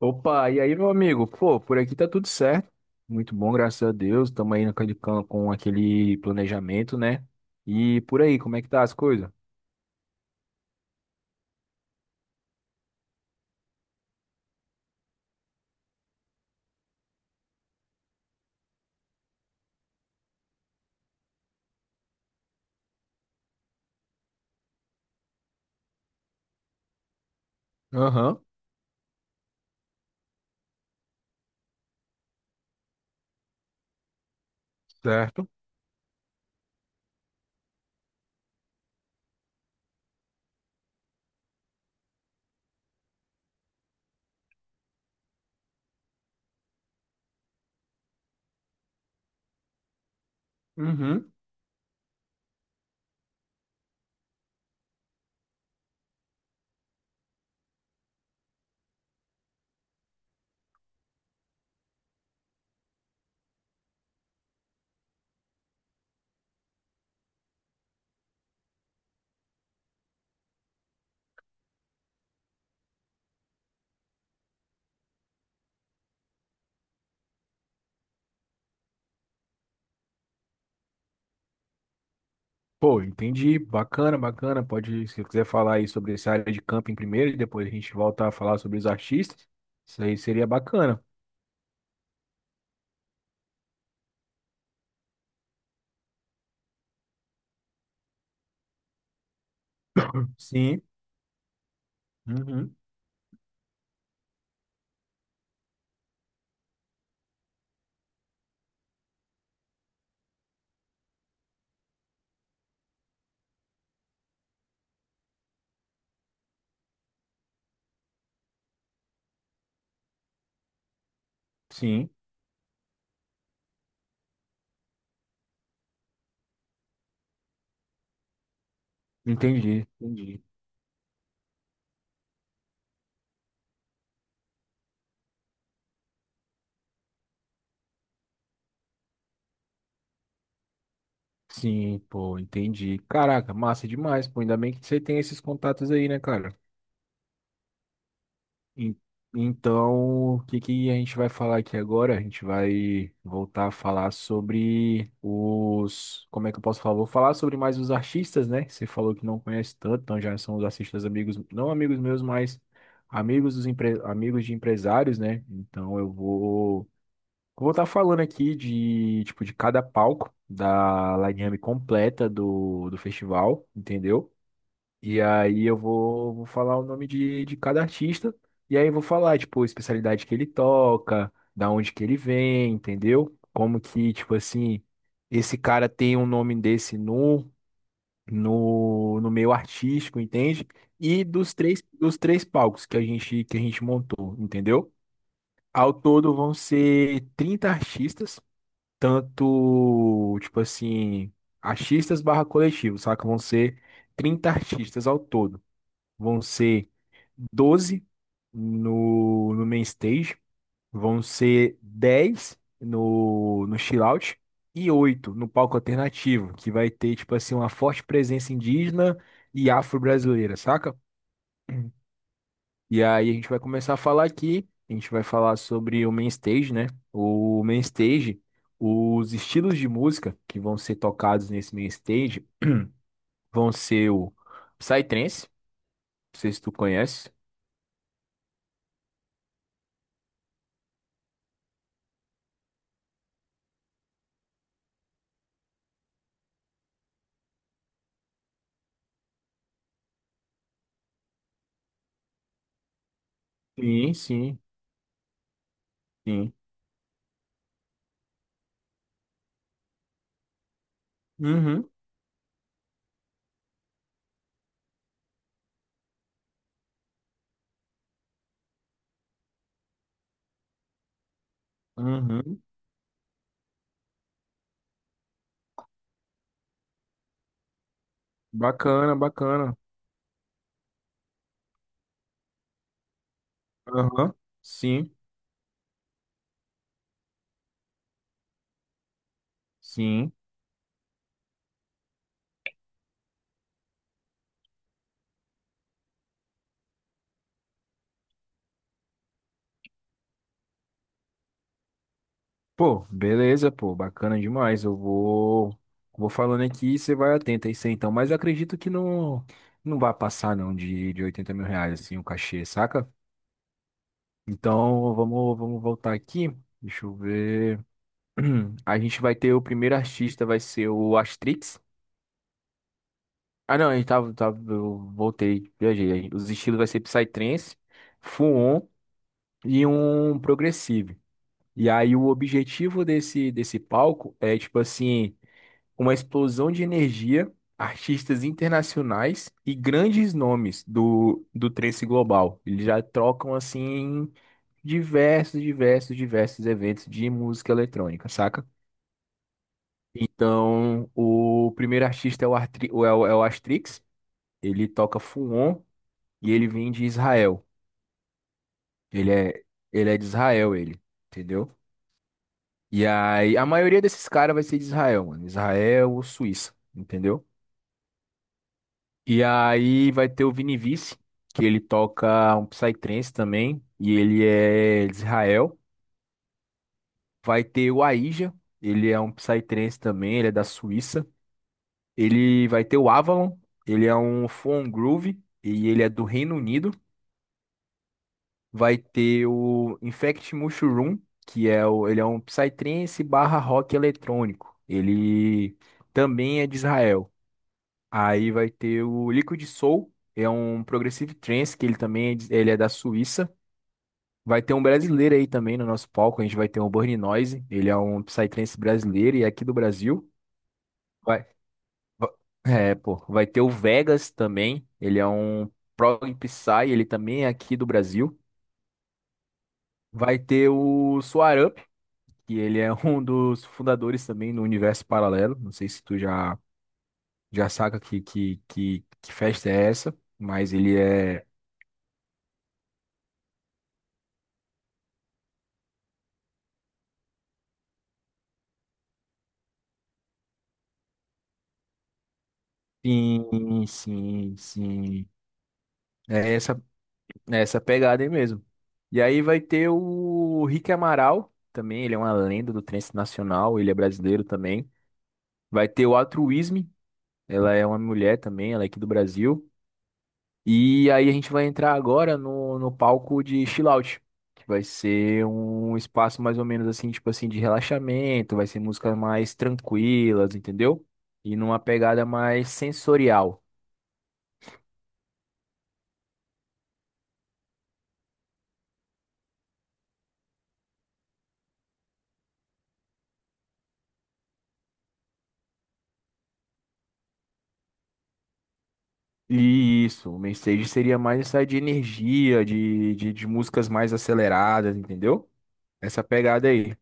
Opa, e aí, meu amigo? Pô, por aqui tá tudo certo. Muito bom, graças a Deus. Estamos aí naquele, com aquele planejamento, né? E por aí, como é que tá as coisas? Aham, certo. Uhum. Pô, entendi. Bacana, bacana. Pode, se quiser falar aí sobre essa área de camping primeiro e depois a gente volta a falar sobre os artistas. Isso aí seria bacana. Sim. Uhum. Sim, entendi, entendi. Sim, pô, entendi. Caraca, massa demais, pô. Ainda bem que você tem esses contatos aí, né, cara? En- Então, o que que a gente vai falar aqui agora? A gente vai voltar a falar sobre os. Como é que eu posso falar? Vou falar sobre mais os artistas, né? Você falou que não conhece tanto, então já são os artistas amigos, não amigos meus, mas amigos de empresários, né? Então eu vou estar falando aqui de tipo de cada palco da line completa do festival, entendeu? E aí eu vou falar o nome de cada artista. E aí vou falar, tipo, a especialidade que ele toca, da onde que ele vem, entendeu? Como que, tipo assim, esse cara tem um nome desse no meio artístico, entende? E dos três palcos que que a gente montou, entendeu? Ao todo vão ser 30 artistas, tanto, tipo assim, artistas barra coletivo, saca? Vão ser 30 artistas ao todo vão ser 12 no main stage, vão ser 10 no chill out e 8 no palco alternativo, que vai ter, tipo assim, uma forte presença indígena e afro-brasileira, saca? E aí a gente vai começar a falar aqui, a gente vai falar sobre o main stage, né? O main stage, os estilos de música que vão ser tocados nesse main stage vão ser o Psytrance, não sei se tu conhece. Sim, sim, sim. Uhum. Uhum. Bacana, bacana. Aham. Sim, sim. Pô, beleza, pô, bacana demais. Eu vou falando aqui e você vai atento a isso aí, você então. Mas eu acredito que não vai passar não de R$ 80.000 assim o cachê, saca? Então vamos voltar aqui. Deixa eu ver. A gente vai ter o primeiro artista vai ser o Astrix. Ah, não, a gente tava eu voltei, viajei. Os estilos vai ser Psytrance, Fuon e um progressive. E aí o objetivo desse palco é, tipo assim, uma explosão de energia, artistas internacionais e grandes nomes do trance global. Eles já trocam, assim, diversos, diversos, diversos eventos de música eletrônica, saca? Então, o primeiro artista é o, Artri, é o, é o Astrix, ele toca Fuon e ele vem de Israel. Ele é, ele é de Israel, entendeu? E aí, a maioria desses caras vai ser de Israel, mano. Israel ou Suíça, entendeu? E aí vai ter o Vini Vici, que ele toca um psytrance também, e ele é de Israel. Vai ter o Aija, ele é um psytrance também, ele é da Suíça. Ele vai ter o Avalon, ele é um Foam Groove, e ele é do Reino Unido. Vai ter o Infect Mushroom, ele é um psytrance barra rock eletrônico. Ele também é de Israel. Aí vai ter o Liquid Soul, é um Progressive Trance, que ele também é, de- ele é da Suíça. Vai ter um brasileiro aí também no nosso palco, a gente vai ter o Burning Noise, ele é um Psytrance brasileiro e é aqui do Brasil. Vai, va- pô, vai ter o Vegas também, ele é um Prog Psy, ele também é aqui do Brasil. Vai ter o Soar Up, que ele é um dos fundadores também do Universo Paralelo, não sei se tu já saca que festa é essa, mas ele é. Sim, sim, sim. É essa, é essa pegada aí mesmo. E aí vai ter o Rick Amaral também, ele é uma lenda do trance nacional, ele é brasileiro também. Vai ter o Altruísme, ela é uma mulher também, ela é aqui do Brasil. E aí a gente vai entrar agora no, no, palco de chill out, que vai ser um espaço mais ou menos assim, tipo assim, de relaxamento, vai ser músicas mais tranquilas, entendeu? E numa pegada mais sensorial. Isso, o mainstage seria mais essa de energia, de músicas mais aceleradas, entendeu? Essa pegada aí.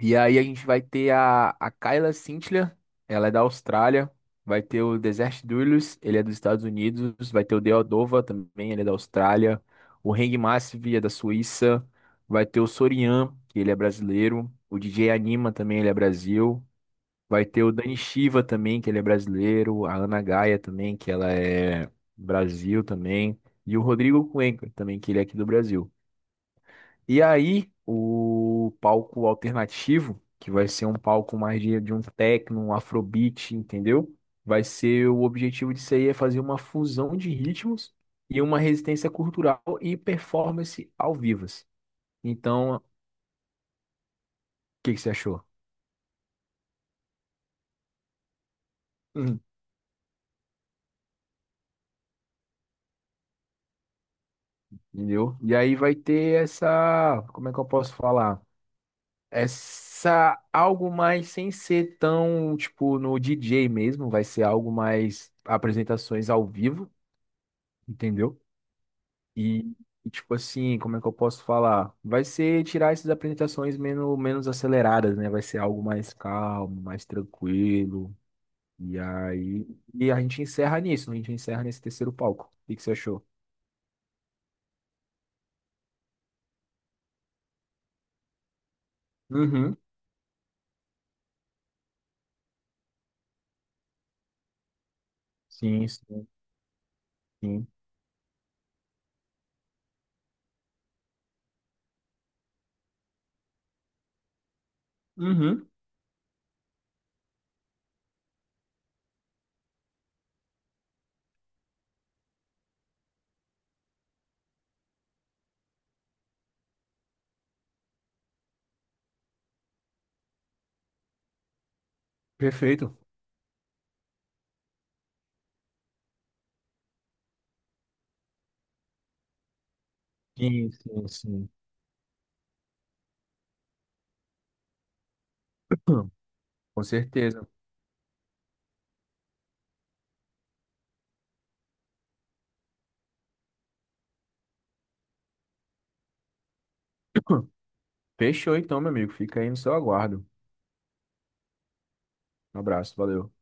E aí a gente vai ter a Kyla Cintila, ela é da Austrália. Vai ter o Desert Doolittle, ele é dos Estados Unidos. Vai ter o Deodova também, ele é da Austrália. O Hang Massive é da Suíça. Vai ter o Sorian, que ele é brasileiro. O DJ Anima também, ele é Brasil. Vai ter o Dani Shiva também, que ele é brasileiro, a Ana Gaia também, que ela é Brasil também, e o Rodrigo Cuenca também, que ele é aqui do Brasil. E aí, o palco alternativo, que vai ser um palco mais de um techno, um afrobeat, entendeu? Vai ser O objetivo disso aí é fazer uma fusão de ritmos e uma resistência cultural e performance ao vivas. Então, o que que você achou? Hum, Entendeu? E aí vai ter essa, como é que eu posso falar? Essa algo mais sem ser tão, tipo, no DJ mesmo, vai ser algo mais apresentações ao vivo, entendeu? E, e, tipo assim, como é que eu posso falar? Vai ser tirar essas apresentações menos aceleradas, né? Vai ser algo mais calmo, mais tranquilo. E aí, a gente encerra nisso, a gente encerra nesse terceiro palco. O que que você achou? Uhum. Sim, sim, sim. Uhum. Perfeito. Sim, sim, sim. Com certeza. Fechou então, meu amigo. Fica aí no seu aguardo. Um abraço, valeu.